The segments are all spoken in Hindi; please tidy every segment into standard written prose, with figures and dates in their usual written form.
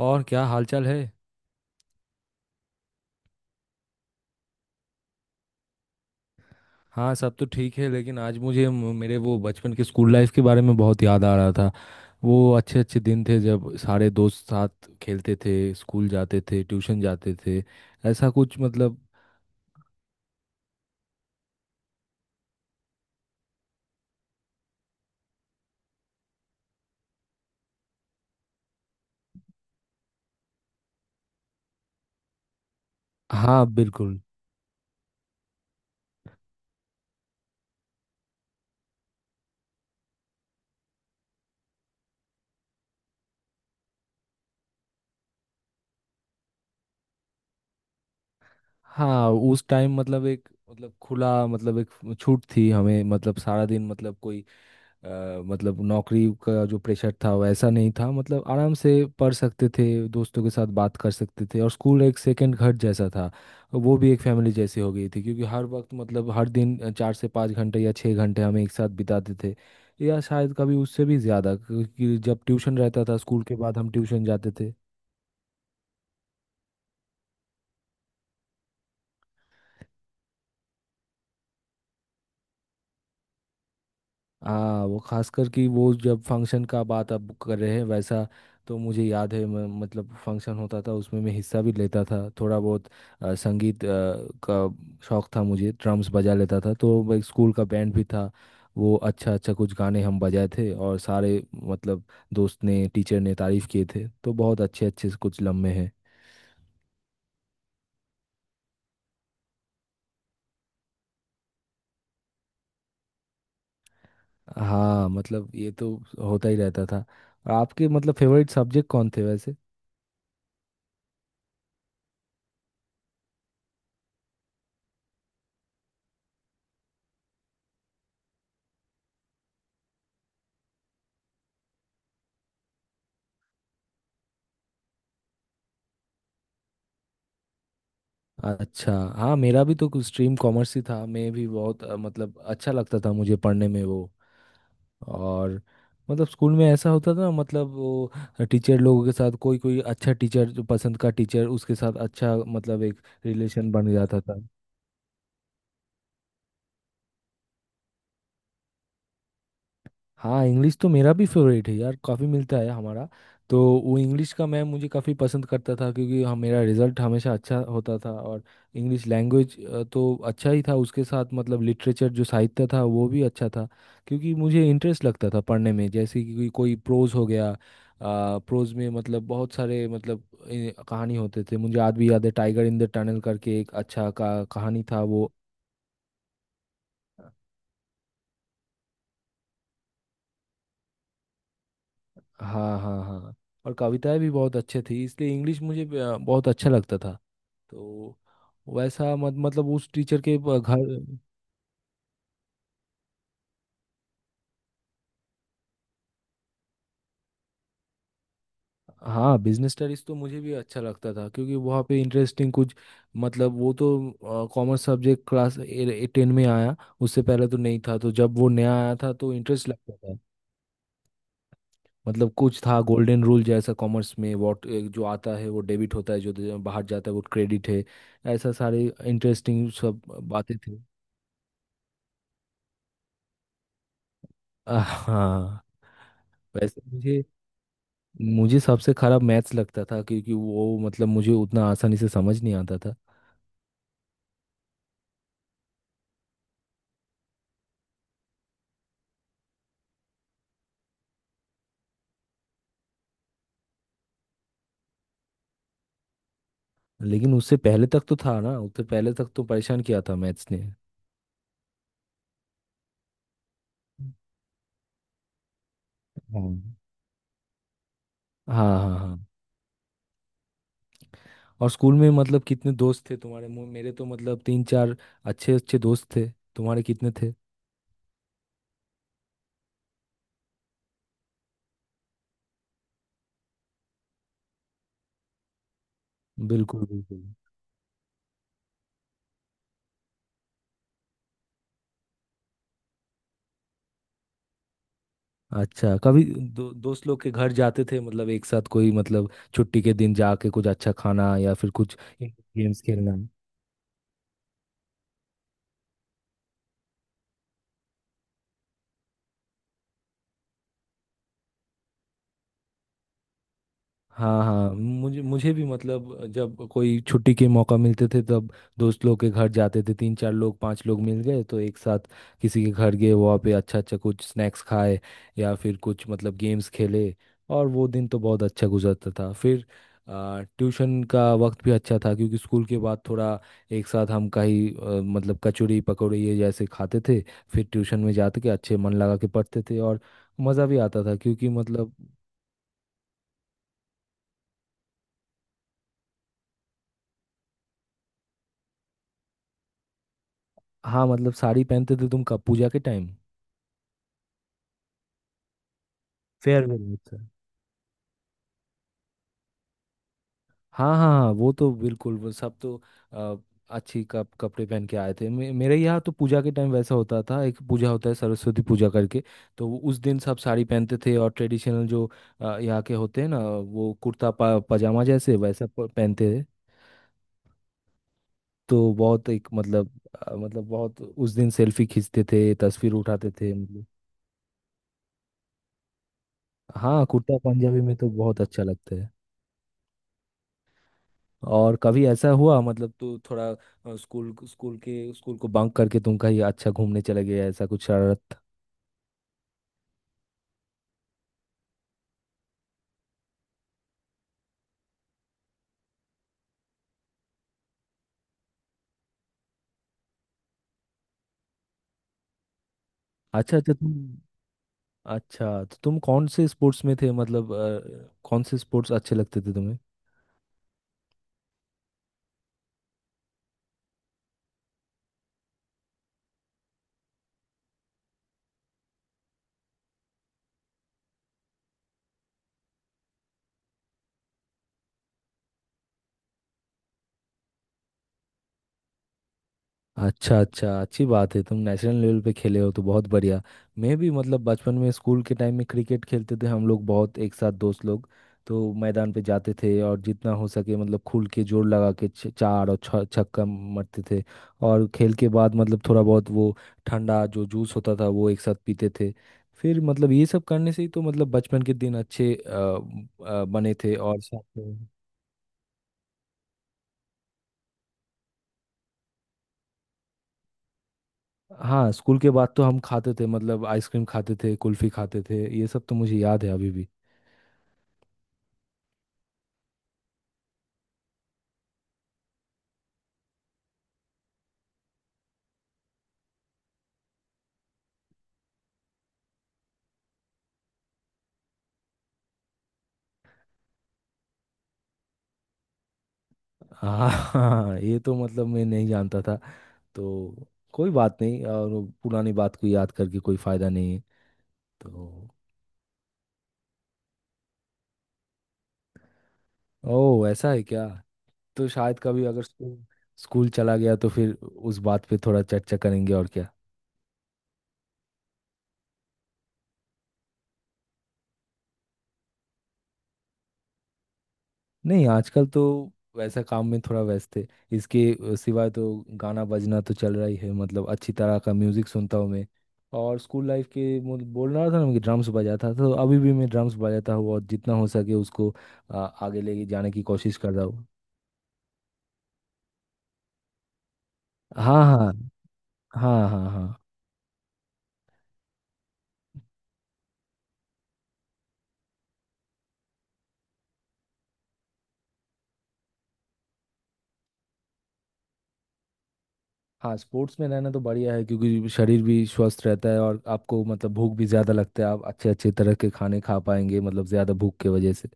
और क्या हालचाल है। हाँ, सब तो ठीक है, लेकिन आज मुझे मेरे वो बचपन के स्कूल लाइफ के बारे में बहुत याद आ रहा था। वो अच्छे अच्छे दिन थे जब सारे दोस्त साथ खेलते थे, स्कूल जाते थे, ट्यूशन जाते थे, ऐसा कुछ मतलब। हाँ, बिल्कुल। हाँ, उस टाइम मतलब एक मतलब खुला मतलब एक छूट थी हमें, मतलब सारा दिन मतलब कोई अ, मतलब नौकरी का जो प्रेशर था वैसा नहीं था। मतलब आराम से पढ़ सकते थे, दोस्तों के साथ बात कर सकते थे, और स्कूल एक सेकंड घर जैसा था। वो भी एक फैमिली जैसी हो गई थी क्योंकि हर वक्त मतलब हर दिन चार से पाँच घंटे या छः घंटे हम एक साथ बिताते थे। या शायद कभी उससे भी ज़्यादा क्योंकि जब ट्यूशन रहता था, स्कूल के बाद हम ट्यूशन जाते थे। हाँ, वो खासकर कि वो जब फंक्शन का बात आप कर रहे हैं वैसा। तो मुझे याद है मैं मतलब फंक्शन होता था उसमें मैं हिस्सा भी लेता था थोड़ा बहुत। संगीत का शौक था मुझे, ड्रम्स बजा लेता था, तो वो एक स्कूल का बैंड भी था। वो अच्छा अच्छा कुछ गाने हम बजाए थे और सारे मतलब दोस्त ने टीचर ने तारीफ किए थे, तो बहुत अच्छे अच्छे कुछ लम्हे हैं। हाँ, मतलब ये तो होता ही रहता था। और आपके मतलब फेवरेट सब्जेक्ट कौन थे वैसे। अच्छा, हाँ, मेरा भी तो कुछ स्ट्रीम कॉमर्स ही था, मैं भी बहुत मतलब अच्छा लगता था मुझे पढ़ने में वो। और मतलब स्कूल में ऐसा होता था मतलब वो टीचर लोगों के साथ कोई कोई अच्छा टीचर जो पसंद का टीचर उसके साथ अच्छा मतलब एक रिलेशन बन जाता था। हाँ, इंग्लिश तो मेरा भी फेवरेट है यार, काफ़ी मिलता है हमारा। तो वो इंग्लिश का मैम मुझे काफ़ी पसंद करता था क्योंकि हम मेरा रिजल्ट हमेशा अच्छा होता था, और इंग्लिश लैंग्वेज तो अच्छा ही था उसके साथ। मतलब लिटरेचर जो साहित्य था वो भी अच्छा था क्योंकि मुझे इंटरेस्ट लगता था पढ़ने में, जैसे कि कोई कोई प्रोज हो गया। प्रोज में मतलब बहुत सारे मतलब कहानी होते थे। मुझे आज भी याद है टाइगर इन द टनल करके एक अच्छा का कहानी था वो। हाँ हाँ हाँ। और कविताएं भी बहुत अच्छे थी, इसलिए इंग्लिश मुझे बहुत अच्छा लगता था। तो वैसा मत मतलब उस टीचर के घर। हाँ, बिजनेस स्टडीज तो मुझे भी अच्छा लगता था क्योंकि वहाँ पे इंटरेस्टिंग कुछ मतलब। वो तो कॉमर्स सब्जेक्ट क्लास टेन में आया, उससे पहले तो नहीं था, तो जब वो नया आया था तो इंटरेस्ट लगता था। मतलब कुछ था गोल्डन रूल जैसा कॉमर्स में, वॉट जो आता है वो डेबिट होता है, जो जो बाहर जाता है वो क्रेडिट है। ऐसा सारे इंटरेस्टिंग सब बातें थी। हाँ। वैसे मुझे मुझे सबसे खराब मैथ्स लगता था क्योंकि वो मतलब मुझे उतना आसानी से समझ नहीं आता था। लेकिन उससे पहले तक तो था ना, उससे पहले तक तो परेशान किया था मैथ्स ने। हाँ हाँ हाँ हाँ। और स्कूल में मतलब कितने दोस्त थे तुम्हारे? मेरे तो मतलब तीन चार अच्छे अच्छे दोस्त थे, तुम्हारे कितने थे? बिल्कुल बिल्कुल बिल्कुल। अच्छा, कभी दोस्त लोग के घर जाते थे मतलब एक साथ कोई मतलब छुट्टी के दिन जाके कुछ अच्छा खाना या फिर कुछ गेम्स खेलना। हाँ हाँ, मुझे मुझे भी मतलब जब कोई छुट्टी के मौका मिलते थे तब दोस्त लोग के घर जाते थे, तीन चार लोग पांच लोग मिल गए तो एक साथ किसी के घर गए, वहाँ पे अच्छा अच्छा कुछ स्नैक्स खाए या फिर कुछ मतलब गेम्स खेले, और वो दिन तो बहुत अच्छा गुजरता था। फिर ट्यूशन का वक्त भी अच्छा था क्योंकि स्कूल के बाद थोड़ा एक साथ हम कहीं मतलब कचौड़ी पकौड़ी ये जैसे खाते थे, फिर ट्यूशन में जाते के अच्छे मन लगा के पढ़ते थे, और मज़ा भी आता था क्योंकि मतलब। हाँ मतलब साड़ी पहनते थे तुम कब, पूजा के टाइम? फेयरवेल में था। हाँ हाँ हाँ, वो तो बिल्कुल वो सब तो अ, अच्छी कप कपड़े पहन के आए थे। मेरे यहाँ तो पूजा के टाइम वैसा होता था, एक पूजा होता है सरस्वती पूजा करके। तो वो उस दिन सब साड़ी पहनते थे और ट्रेडिशनल जो यहाँ के होते हैं ना, वो कुर्ता पजामा जैसे वैसा पहनते थे। तो बहुत एक मतलब मतलब बहुत उस दिन सेल्फी खींचते थे, तस्वीर उठाते थे मतलब। हाँ, कुर्ता पंजाबी में तो बहुत अच्छा लगता है। और कभी ऐसा हुआ मतलब तू थोड़ा स्कूल स्कूल के स्कूल को बंक करके तुम कहीं अच्छा घूमने चले गए, ऐसा कुछ शरारत? अच्छा अच्छा तुम। अच्छा, तो तुम कौन से स्पोर्ट्स में थे, मतलब कौन से स्पोर्ट्स अच्छे लगते थे तुम्हें? अच्छा अच्छा, अच्छी बात है, तुम नेशनल लेवल पे खेले हो तो बहुत बढ़िया। मैं भी मतलब बचपन में स्कूल के टाइम में क्रिकेट खेलते थे हम लोग, बहुत एक साथ दोस्त लोग, तो मैदान पे जाते थे और जितना हो सके मतलब खुल के जोर लगा के चार और छ छक्का मारते थे। और खेल के बाद मतलब थोड़ा बहुत वो ठंडा जो जूस होता था वो एक साथ पीते थे। फिर मतलब ये सब करने से ही तो मतलब बचपन के दिन अच्छे बने थे, और साथ में। हाँ, स्कूल के बाद तो हम खाते थे मतलब आइसक्रीम खाते थे, कुल्फी खाते थे, ये सब तो मुझे याद है अभी भी। हाँ हाँ, ये तो मतलब मैं नहीं जानता था तो कोई बात नहीं, और वो पुरानी बात को याद करके कोई फायदा नहीं है तो। ओह, ऐसा है क्या? तो शायद कभी अगर स्कूल स्कूल चला गया तो फिर उस बात पे थोड़ा चर्चा करेंगे और क्या। नहीं, आजकल तो वैसा काम में थोड़ा व्यस्त है, इसके सिवाय तो गाना बजना तो चल रहा ही है, मतलब अच्छी तरह का म्यूजिक सुनता हूँ मैं। और स्कूल लाइफ के मुझे बोल रहा था ना कि ड्रम्स बजाता था, तो अभी भी मैं ड्रम्स बजाता हूँ और जितना हो सके उसको आगे लेके जाने की कोशिश कर रहा हूँ। हाँ हाँ हाँ। हाँ हाँ हाँ। स्पोर्ट्स में रहना तो बढ़िया है क्योंकि शरीर भी स्वस्थ रहता है और आपको मतलब भूख भी ज़्यादा लगता है, आप अच्छे अच्छे तरह के खाने खा पाएंगे मतलब ज़्यादा भूख के वजह से।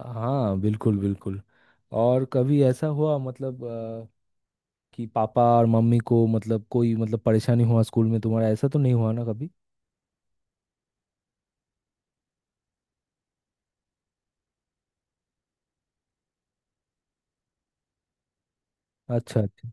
हाँ बिल्कुल बिल्कुल। और कभी ऐसा हुआ मतलब कि पापा और मम्मी को मतलब कोई मतलब परेशानी हुआ स्कूल में तुम्हारा, ऐसा तो नहीं हुआ ना कभी? अच्छा अच्छा।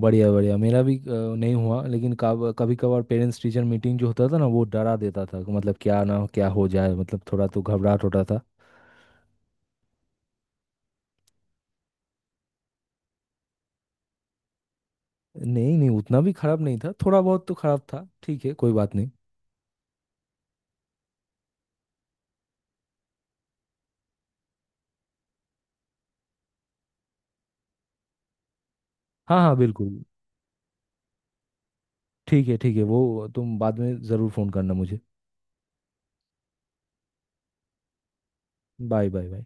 बढ़िया बढ़िया, मेरा भी नहीं हुआ, लेकिन कब कभी कभार पेरेंट्स टीचर मीटिंग जो होता था ना, वो डरा देता था कि मतलब क्या ना क्या हो जाए, मतलब थोड़ा तो घबराहट होता था। नहीं नहीं, उतना भी खराब नहीं था, थोड़ा बहुत तो खराब था, ठीक है, कोई बात नहीं। हाँ हाँ बिल्कुल। ठीक है ठीक है, वो तुम बाद में ज़रूर फ़ोन करना मुझे। Bye bye bye.